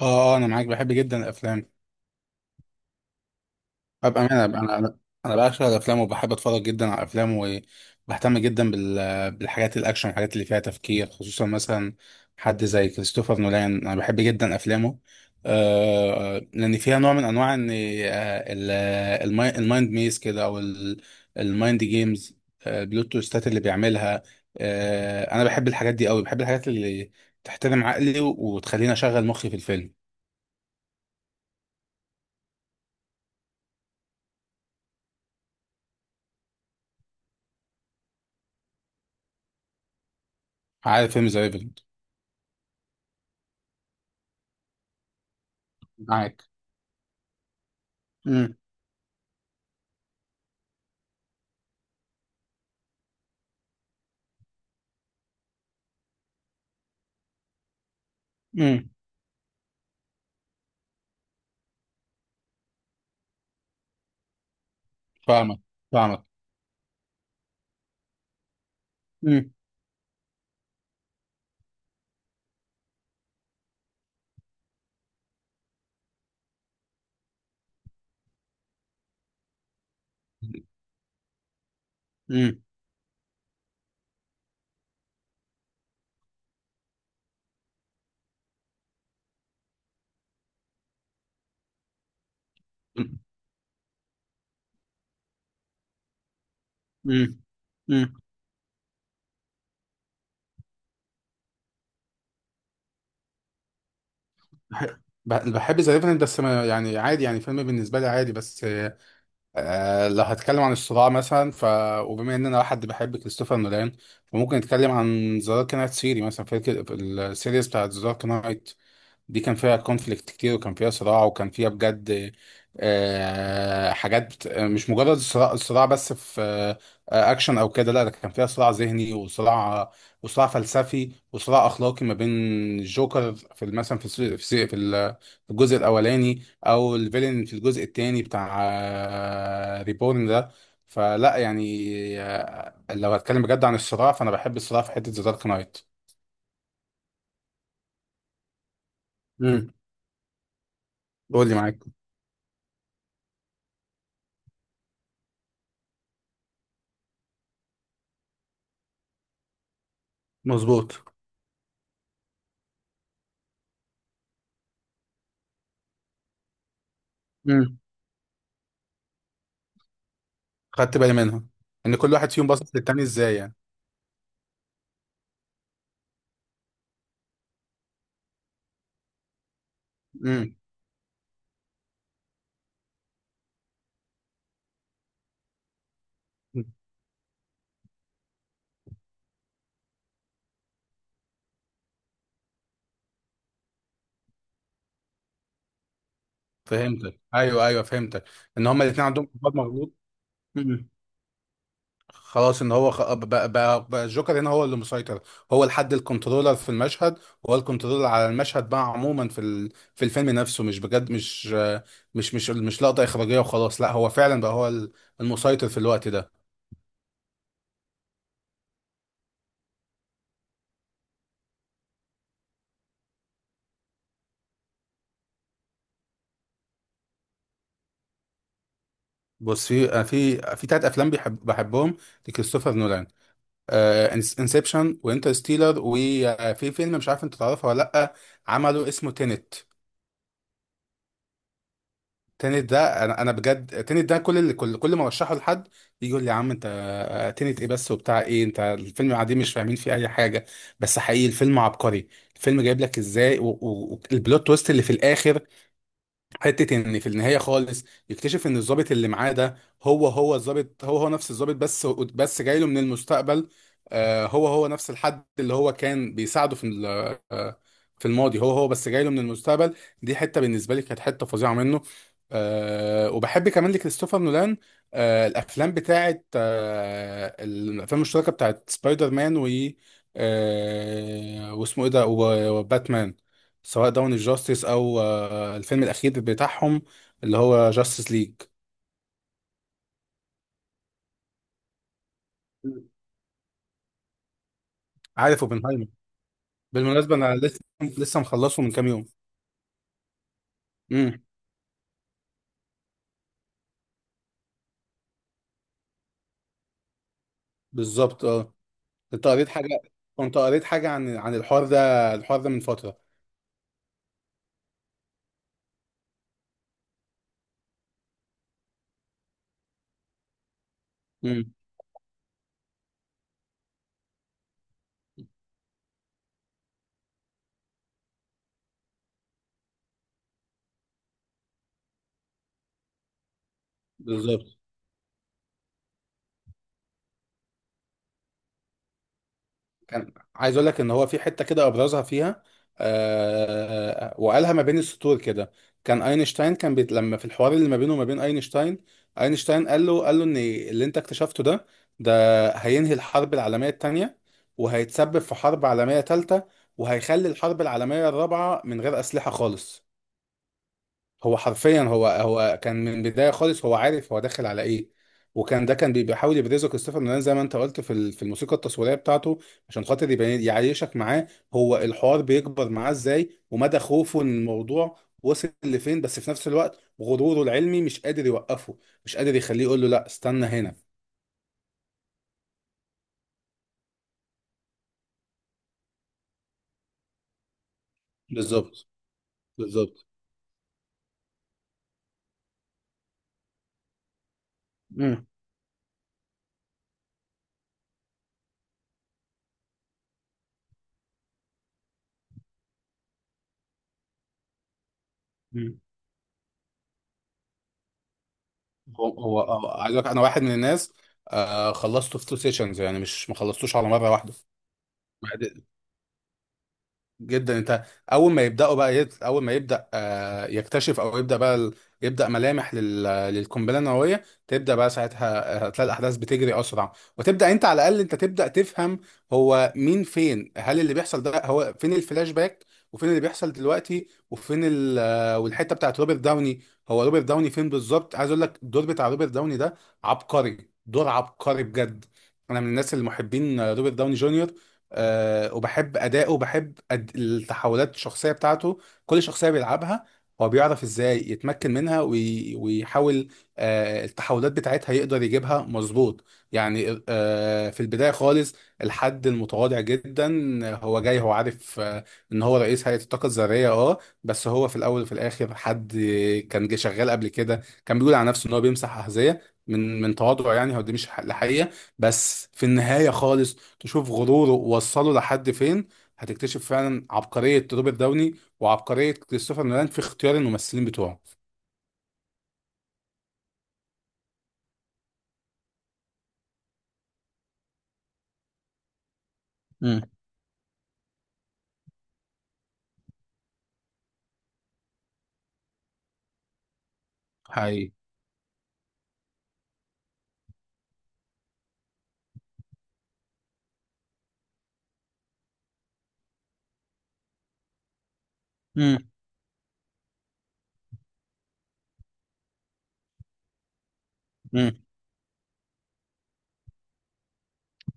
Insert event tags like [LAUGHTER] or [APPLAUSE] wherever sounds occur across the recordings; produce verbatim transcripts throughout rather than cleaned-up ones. اه آه، انا معاك بحب جدا الافلام. ابقى انا انا انا أنا بعشق الافلام وبحب اتفرج جدا على الافلام، وبهتم جدا بال... بالحاجات الاكشن، الحاجات اللي فيها تفكير، خصوصا مثلا حد زي كريستوفر نولان. انا بحب جدا افلامه، آه لان فيها نوع من انواع ان آه، ال- الماي- المايند ميز كده، او ال- المايند جيمز، آه، بلوت تويستات اللي بيعملها. آه انا بحب الحاجات دي قوي، بحب الحاجات اللي تحترم عقلي وتخليني اشغل مخي في الفيلم. عارف فيلم ذا ريفرنت. امم امم فاهمك. فاهمك. امم امم امم امم بحب ذا ريفننت بس، ما يعني عادي، يعني فيلم بالنسبه لي عادي بس. آه لو هتكلم عن الصراع مثلا، ف وبما ان انا حد بحب كريستوفر نولان، فممكن نتكلم عن ذا دارك نايت سيري مثلا، في السيريز بتاعت ذا دارك نايت دي، كان فيها كونفليكت كتير، وكان فيها صراع، وكان فيها بجد آه، حاجات بت- مش مجرد صراع، صراع بس في آه، اكشن او كده، لا ده كان فيها صراع ذهني، وصراع، وصراع فلسفي، وصراع اخلاقي، ما بين الجوكر في مثلا في الس- في الس- في ال- في الجزء الاولاني، او الفيلن في الجزء الثاني بتاع ريبورن ده، فلا يعني. آه، لو هتكلم بجد عن الصراع، فانا بحب الصراع في حته ذا دارك نايت. امم قول لي معاك. مظبوط. خدت بالي منها ان كل واحد فيهم باصص للتاني ازاي يعني. امم فهمتك، ايوه ايوه فهمتك. ان هما الاثنين عندهم قرار مغلوط. امم خلاص، ان هو خ... بقى, بقى, بقى الجوكر هنا هو اللي مسيطر، هو الحد الكنترولر في المشهد، وهو الكنترولر على المشهد بقى عموما في ال... في الفيلم نفسه، مش بجد مش مش مش مش لقطه اخراجيه وخلاص، لا هو فعلا بقى هو ال- المسيطر في الوقت ده. بص في في في تلات افلام بحب بحبهم لكريستوفر نولان: انسبشن، وانترستيلر، وفي فيلم مش عارف انت تعرفه ولا لا، عمله اسمه تينت. تينت ده انا انا بجد. تينت ده كل اللي كل كل ما ارشحه لحد يجي يقول لي: يا عم انت تينت ايه بس وبتاع ايه، انت الفيلم قاعدين مش فاهمين فيه اي حاجه. بس حقيقي الفيلم عبقري، الفيلم جايب لك ازاي، والبلوت تويست اللي في الاخر، حته ان في النهايه خالص يكتشف ان الضابط اللي معاه ده، هو هو الضابط هو هو نفس الضابط، بس بس جاي له من المستقبل. آه، هو هو نفس الحد اللي هو كان بيساعده في ال- آه، في الماضي، هو هو بس جاي له من المستقبل. دي حته بالنسبه لي كانت حته فظيعه منه. آه، وبحب كمان لكريستوفر نولان آه، الافلام بتاعت آه، الافلام المشتركه بتاعت سبايدر مان و آه، واسمه ايه ده، وباتمان، سواء داون الجاستس او آه، الفيلم الأخير بتاعهم اللي هو جاستس ليج. عارف اوبنهايمر. بالمناسبة أنا لسه [LAUGHS] لسه مخلصه من كام يوم. امم بالظبط اه. كنت قريت حاجة. كنت قريت حاجة عن عن الحوار ده، الحوار ده من فترة. امم بالظبط. كان عايز اقول لك ان هو في حته كده ابرزها فيها، آه وقالها ما بين السطور كده. كان اينشتاين كان بيت، لما في الحوار اللي ما بينه وما بين اينشتاين، اينشتاين قال له قال له ان اللي انت اكتشفته ده، ده هينهي الحرب العالميه الثانيه، وهيتسبب في حرب عالميه ثالثه، وهيخلي الحرب العالميه الرابعه من غير اسلحه خالص. هو حرفيا هو هو كان من البدايه خالص هو عارف هو داخل على ايه. وكان ده كان بي- بيحاول يبرزه كريستوفر نولان زي ما انت قلت في ال- في الموسيقى التصويريه بتاعته، عشان خاطر يبين يعيشك معاه هو الحوار بيكبر معاه ازاي، ومدى خوفه من الموضوع وصل لفين، بس في نفس الوقت غروره العلمي مش قادر يوقفه، مش قادر يخليه يقول له لا استنى هنا. بالظبط. بالظبط. مم. مم. هو هو هو- عايز أقولك انا واحد من الناس. آه خلصته في تو سيشنز، يعني مش ما خلصتوش على مره واحده، جدا انت. اول ما يبداوا بقى يت... اول ما يبدا آه يكتشف او يبدا بقى ال... يبدا ملامح لل... للقنبله النوويه، تبدا بقى ساعتها، آه، هتلاقي الاحداث بتجري اسرع، وتبدا انت على الاقل انت تبدا تفهم هو مين، فين، هل اللي بيحصل ده، هو فين الفلاش باك وفين اللي بيحصل دلوقتي، وفين ال... آه، والحته بتاعت روبرت داوني، هو روبرت داوني فين بالظبط. عايز اقول لك الدور بتاع روبرت داوني ده عبقري، دور عبقري بجد. انا من الناس المحبين آه، روبرت داوني جونيور. آه، وبحب اداؤه، وبحب أد... التحولات الشخصيه بتاعته. كل شخصيه بيلعبها هو بيعرف ازاي يتمكن منها، وي... ويحاول آه، التحولات بتاعتها يقدر يجيبها مظبوط. يعني آه، في البدايه خالص الحد المتواضع جدا، هو جاي هو عارف آه، ان هو رئيس هيئه الطاقه الذريه اه، بس هو في الاول وفي الاخر حد كان جه شغال قبل كده، كان بيقول على نفسه ان هو بيمسح احذيه من من تواضعه، يعني هو دي مش الحقيقه. بس في النهايه خالص تشوف غروره ووصله لحد فين، هتكتشف فعلا عبقرية روبرت داوني وعبقرية كريستوفر نولان في اختيار الممثلين بتوعه. امم حقيقي. امم امم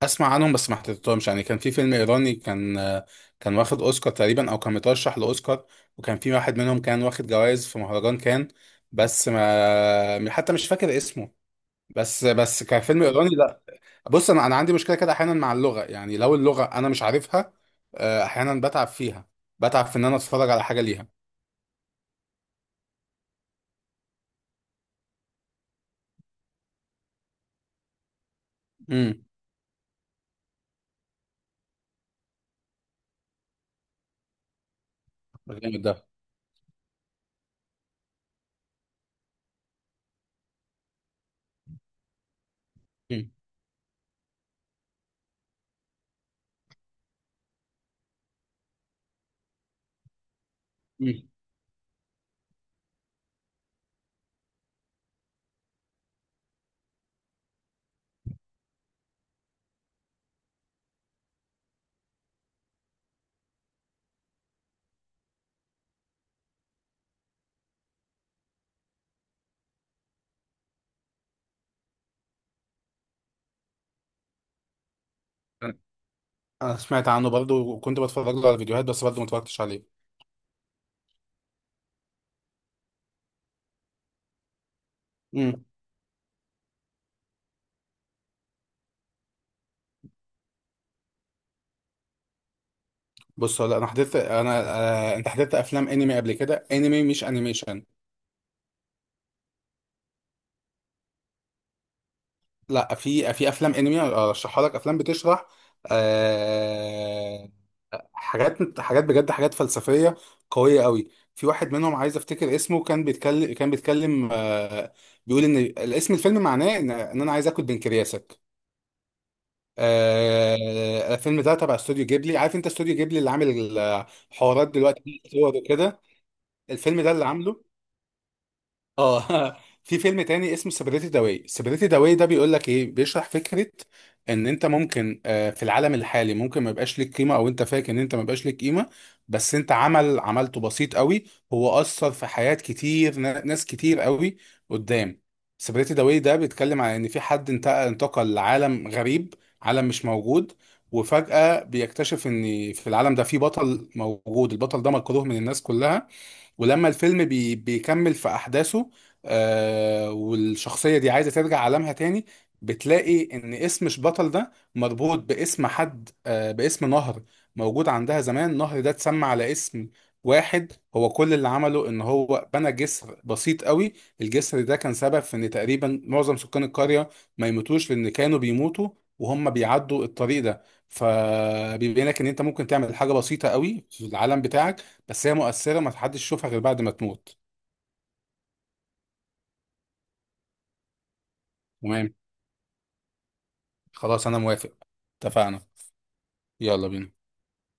اسمع عنهم بس ما حضرتهمش، يعني كان في فيلم ايراني كان، كان واخد اوسكار تقريبا او كان مترشح لاوسكار، وكان في واحد منهم كان واخد جوائز في مهرجان كان، بس ما حتى مش فاكر اسمه، بس بس كان فيلم ايراني. بص انا انا عندي مشكله كده احيانا مع اللغه، يعني لو اللغه انا مش عارفها، آه، احيانا بتعب فيها، بتعب في ان انا اتفرج على حاجه ليها. امم جامد ده. امم امم انا سمعت عنه برضو، وكنت بتفرج له على فيديوهات، بس برضو ما اتفرجتش عليه. امم بص هو لا انا حضرت انا. آه، انت حضرت افلام انمي قبل كده، انمي مش انيميشن. لا في في افلام انمي ارشحها لك، افلام بتشرح آه، حاجات، حاجات بجد حاجات فلسفية قوية قوي. في واحد منهم عايز افتكر اسمه، كان بيتكلم، كان بيتكلم آه بيقول ان الاسم، الفيلم معناه ان ان انا عايز اكل بنكرياسك. آه الفيلم ده تبع استوديو جيبلي، عارف انت استوديو جيبلي اللي عامل الحوارات دلوقتي، الصور وكده. الفيلم ده اللي عامله. اه [LAUGHS] في فيلم تاني اسمه سيبريتي داواي، سيبريتي داواي ده بيقول لك ايه، بيشرح فكره ان انت ممكن آه، في العالم الحالي ممكن ما يبقاش ليك قيمه، او انت فاكر ان انت ما يبقاش ليك قيمه، بس انت عمل عملته بسيط قوي، هو اثر في حياه كتير نا- ناس كتير قوي قدام. سيبريتي داواي ده بيتكلم عن ان في حد انت- انتقل لعالم غريب، عالم مش موجود. وفجاه بيكتشف ان في العالم ده في بطل موجود، البطل ده مكروه من الناس كلها. ولما الفيلم بي بيكمل في أحداثه، آه والشخصية دي عايزة ترجع عالمها تاني، بتلاقي إن اسم البطل ده مربوط باسم حد آه باسم نهر موجود عندها زمان. النهر ده اتسمى على اسم واحد، هو كل اللي عمله إن هو بنى جسر بسيط قوي، الجسر ده كان سبب في إن تقريبا معظم سكان القرية ما يموتوش، لأن كانوا بيموتوا وهم بيعدوا الطريق ده. فبيبين لك ان انت ممكن تعمل حاجه بسيطه قوي في العالم بتاعك، بس هي مؤثرة ما حدش يشوفها غير بعد ما تموت. تمام. خلاص انا موافق. اتفقنا. يلا بينا.